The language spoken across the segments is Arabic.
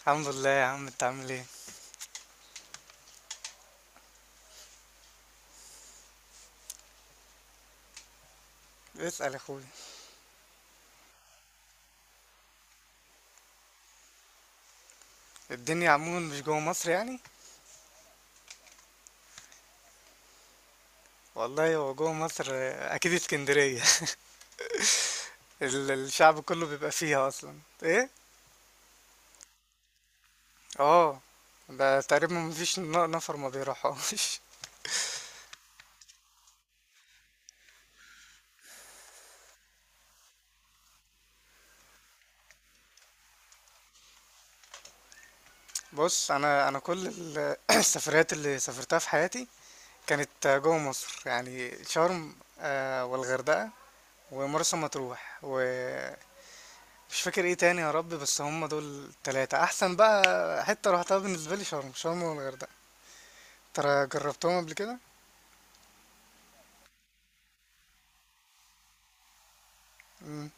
الحمد لله يا عم، انت عامل ايه؟ اسأل يا اخويا. الدنيا عموما مش جوه مصر يعني؟ والله هو جوه مصر، اكيد اسكندرية. الشعب كله بيبقى فيها اصلا، ايه؟ اه. ده تقريبا مفيش نفر ما بيروحهاش. بص، انا كل السفريات اللي سافرتها في حياتي كانت جوه مصر، يعني شرم، والغردقة، ومرسى مطروح، ومش فاكر ايه تاني يا رب. بس هم دول التلاتة احسن بقى. حتة روحتها بالنسبة لي شرم والغردقة. ترى جربتهم قبل كده؟ امم.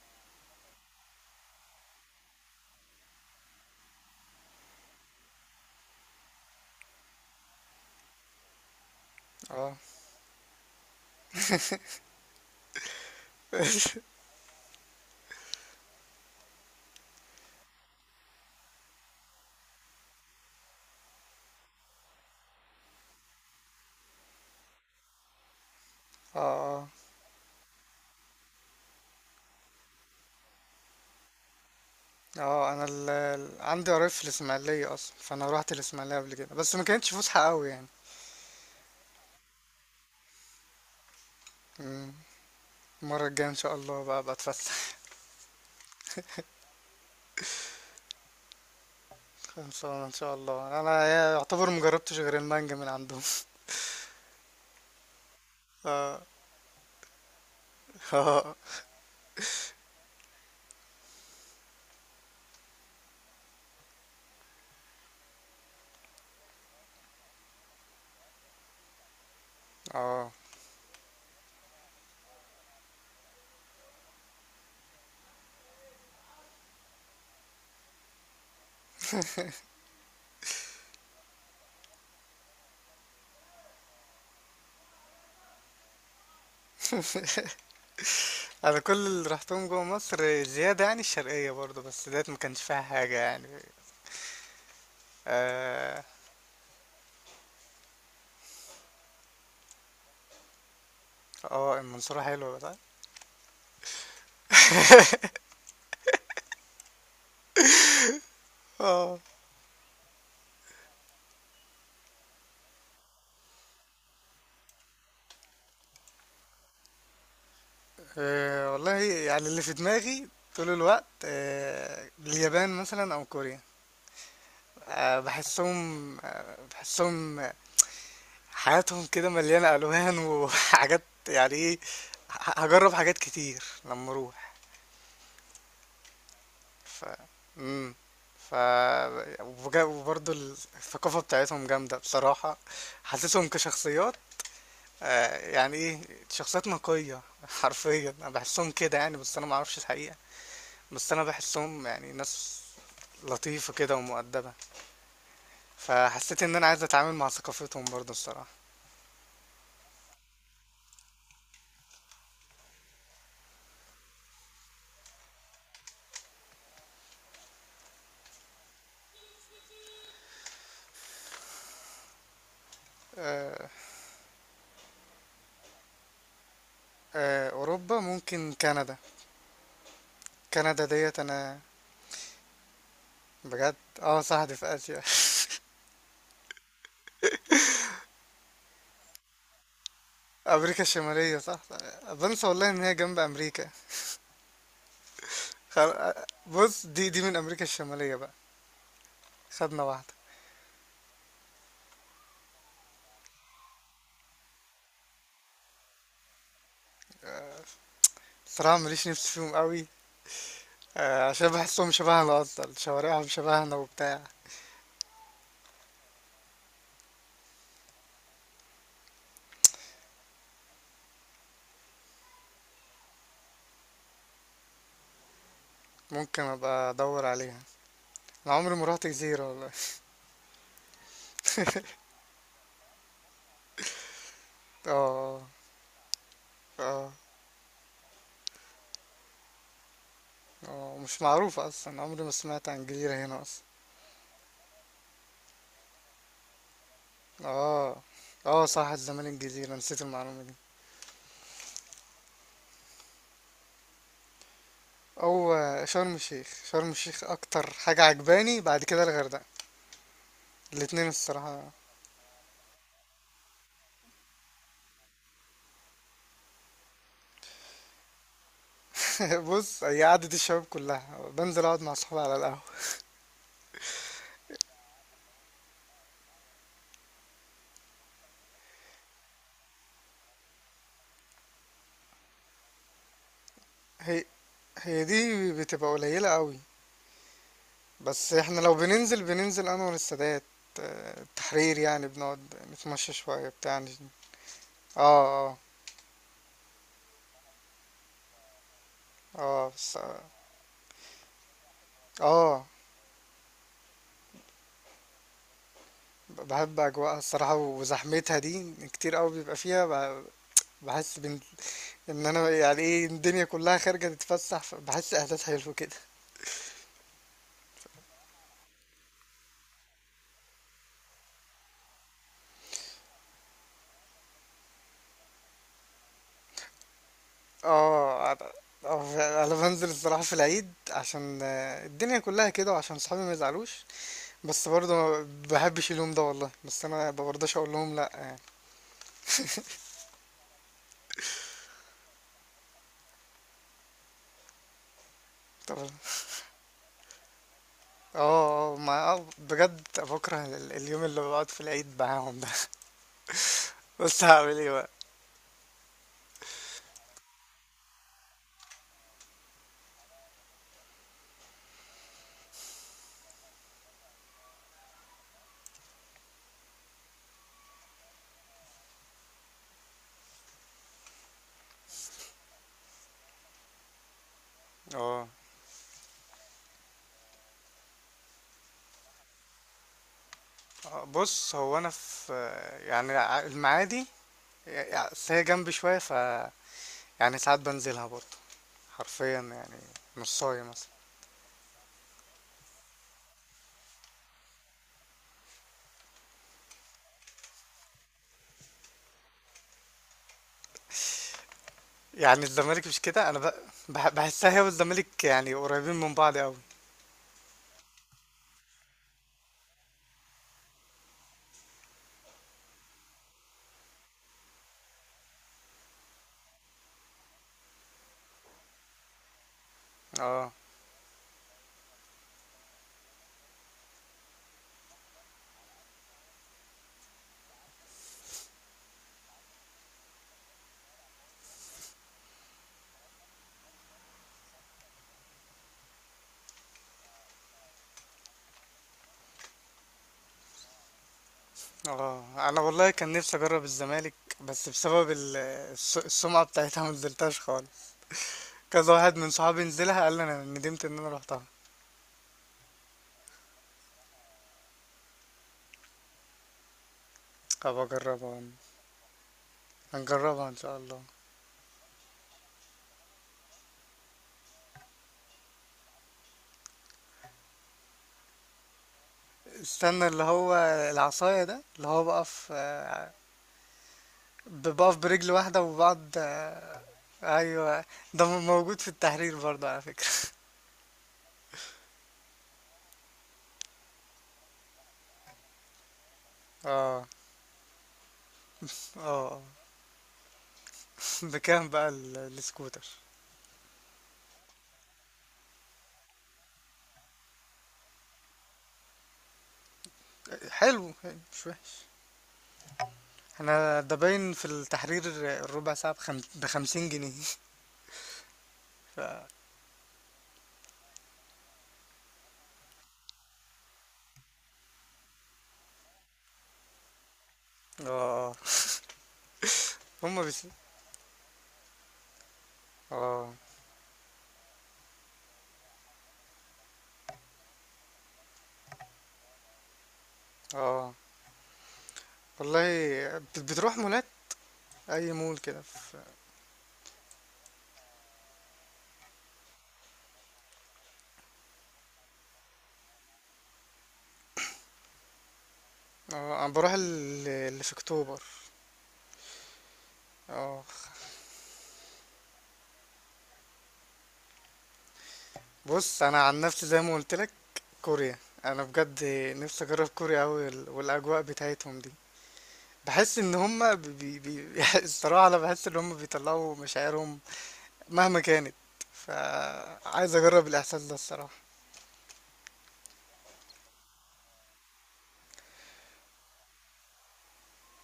اه، اه، اه، اه. انا عندي قرايب في الاسماعيليه اصلا، فانا روحت الاسماعيليه قبل كده، بس ما كانتش فسحه قوي يعني. امم. المره الجايه ان شاء الله بقى بتفسح. خلصانه ان شاء الله. انا يعتبر مجربتش غير المانجا من عندهم. اه. اه. اه. انا كل اللي رحتهم جوه مصر زياده، يعني الشرقيه برضه، بس ديت ما كانش فيها حاجه يعني. اه. المنصوره حلوه بقى. اه. والله يعني اللي في دماغي طول الوقت، اليابان مثلا او كوريا. أه بحسهم أه بحسهم آه، حياتهم كده مليانة الوان وحاجات، يعني ايه، هجرب حاجات كتير لما اروح. ف مم. ف وبجا- وبرضه الثقافة بتاعتهم جامدة بصراحة، حاسسهم كشخصيات، يعني ايه، شخصيات نقية. حرفيا انا بحسهم كده يعني، بس انا معرفش الحقيقة، بس انا بحسهم يعني ناس لطيفة كده ومؤدبة، فحسيت ان انا عايز اتعامل مع ثقافتهم برضو الصراحة. آه، اوروبا ممكن كندا. كندا ديت انا. بجد. اه، صح، دي في اسيا. امريكا الشمالية صح. بنسى والله ان هي جنب امريكا. خل... آه، بص، دي من امريكا الشمالية بقى. خدنا واحدة. صراحة ماليش نفس فيهم قوي، عشان بحسهم شبهنا، اصلا شوارعهم شبهنا وبتاع. ممكن ابقى ادور عليها. انا عمري ما رحت جزيرة والله. اه. آه. اه، اه، مش معروفة اصلا، عمري ما سمعت عن جزيرة هنا اصلا. اه. اه، صح، الزمالك الجزيرة، نسيت المعلومة دي. او آه، شرم الشيخ، شرم الشيخ اكتر حاجة عجباني، بعد كده الغردقة، الاتنين الصراحة. بص، هي قعدة الشباب كلها بنزل اقعد مع صحابي على القهوة. هي هي دي بتبقى قليلة قوي. بس احنا لو بننزل انور السادات، التحرير، يعني بنقعد نتمشى شوية بتاع. اه. اه. اه بس. اه. آه. بحب أجواءها الصراحة، وزحمتها دي كتير قوي بيبقى فيها، بحس بن... إن أنا يعني إيه الدنيا كلها خارجة تتفسح، بحس إحساس حلو كده. اه أنا. أنا بنزل الصراحة في العيد عشان الدنيا كلها كده، وعشان صحابي ما يزعلوش، بس برضه ما بحبش اليوم ده والله، بس أنا ما برضاش أقول لهم لأ يعني. طب. اه، اه، ما آه، بجد بكره اليوم اللي بقعد في العيد معاهم ده. بس هعمل ايه بقى؟ اه. بص، هو انا في، يعني المعادي، يعني أصل هي جنبي شويه، ف يعني ساعات بنزلها برضه، حرفيا يعني نصاية مثلا، يعني الزمالك مش كده، انا بحسها هي والزمالك يعني قريبين من بعض قوي. اه. اه، انا والله كان نفسي اجرب الزمالك، بس بسبب السمعه بتاعتها ما نزلتهاش خالص، كذا واحد من صحابي نزلها قال لي انا ندمت ان انا روحتها. هبقى اجربها، هنجربها ان شاء الله. استنى، اللي هو العصاية ده، اللي هو بقف برجل واحدة وبعض، أيوة، ده موجود في التحرير برضه على فكرة. اه. اه، بكام بقى السكوتر؟ حلو، حلو، مش وحش. احنا ده باين في التحرير، الربع ساعة بـ50 جنيه. ف... اه، هما بس. اه، اه والله. بتروح مولات، اي مول كده في... اه، انا بروح اللي في اكتوبر. اه. بص انا عن نفسي زي ما قلت لك، كوريا. انا بجد نفسي اجرب كوريا قوي، والاجواء بتاعتهم دي بحس ان هم، بي بي الصراحه انا بحس ان هم بيطلعوا مشاعرهم مهما كانت، فعايز اجرب الاحساس ده الصراحه.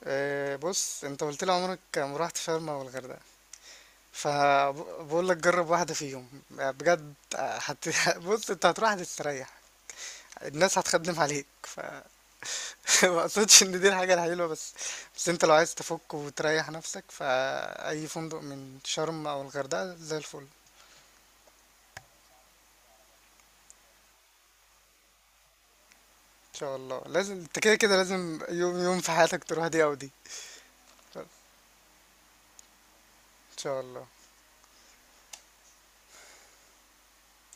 بص، انت قلت لي عمرك ما رحت شرم او الغردقه، فبقول لك جرب واحده فيهم بجد، بص انت هتروح هتستريح، الناس هتخدم عليك. ما اقصدش ان دي الحاجة الحلوة بس، بس انت لو عايز تفك وتريح نفسك فأي فندق من شرم او الغردقة زي الفل. ان شاء الله لازم، انت كده كده لازم يوم يوم في حياتك تروح دي او دي. ان شاء الله.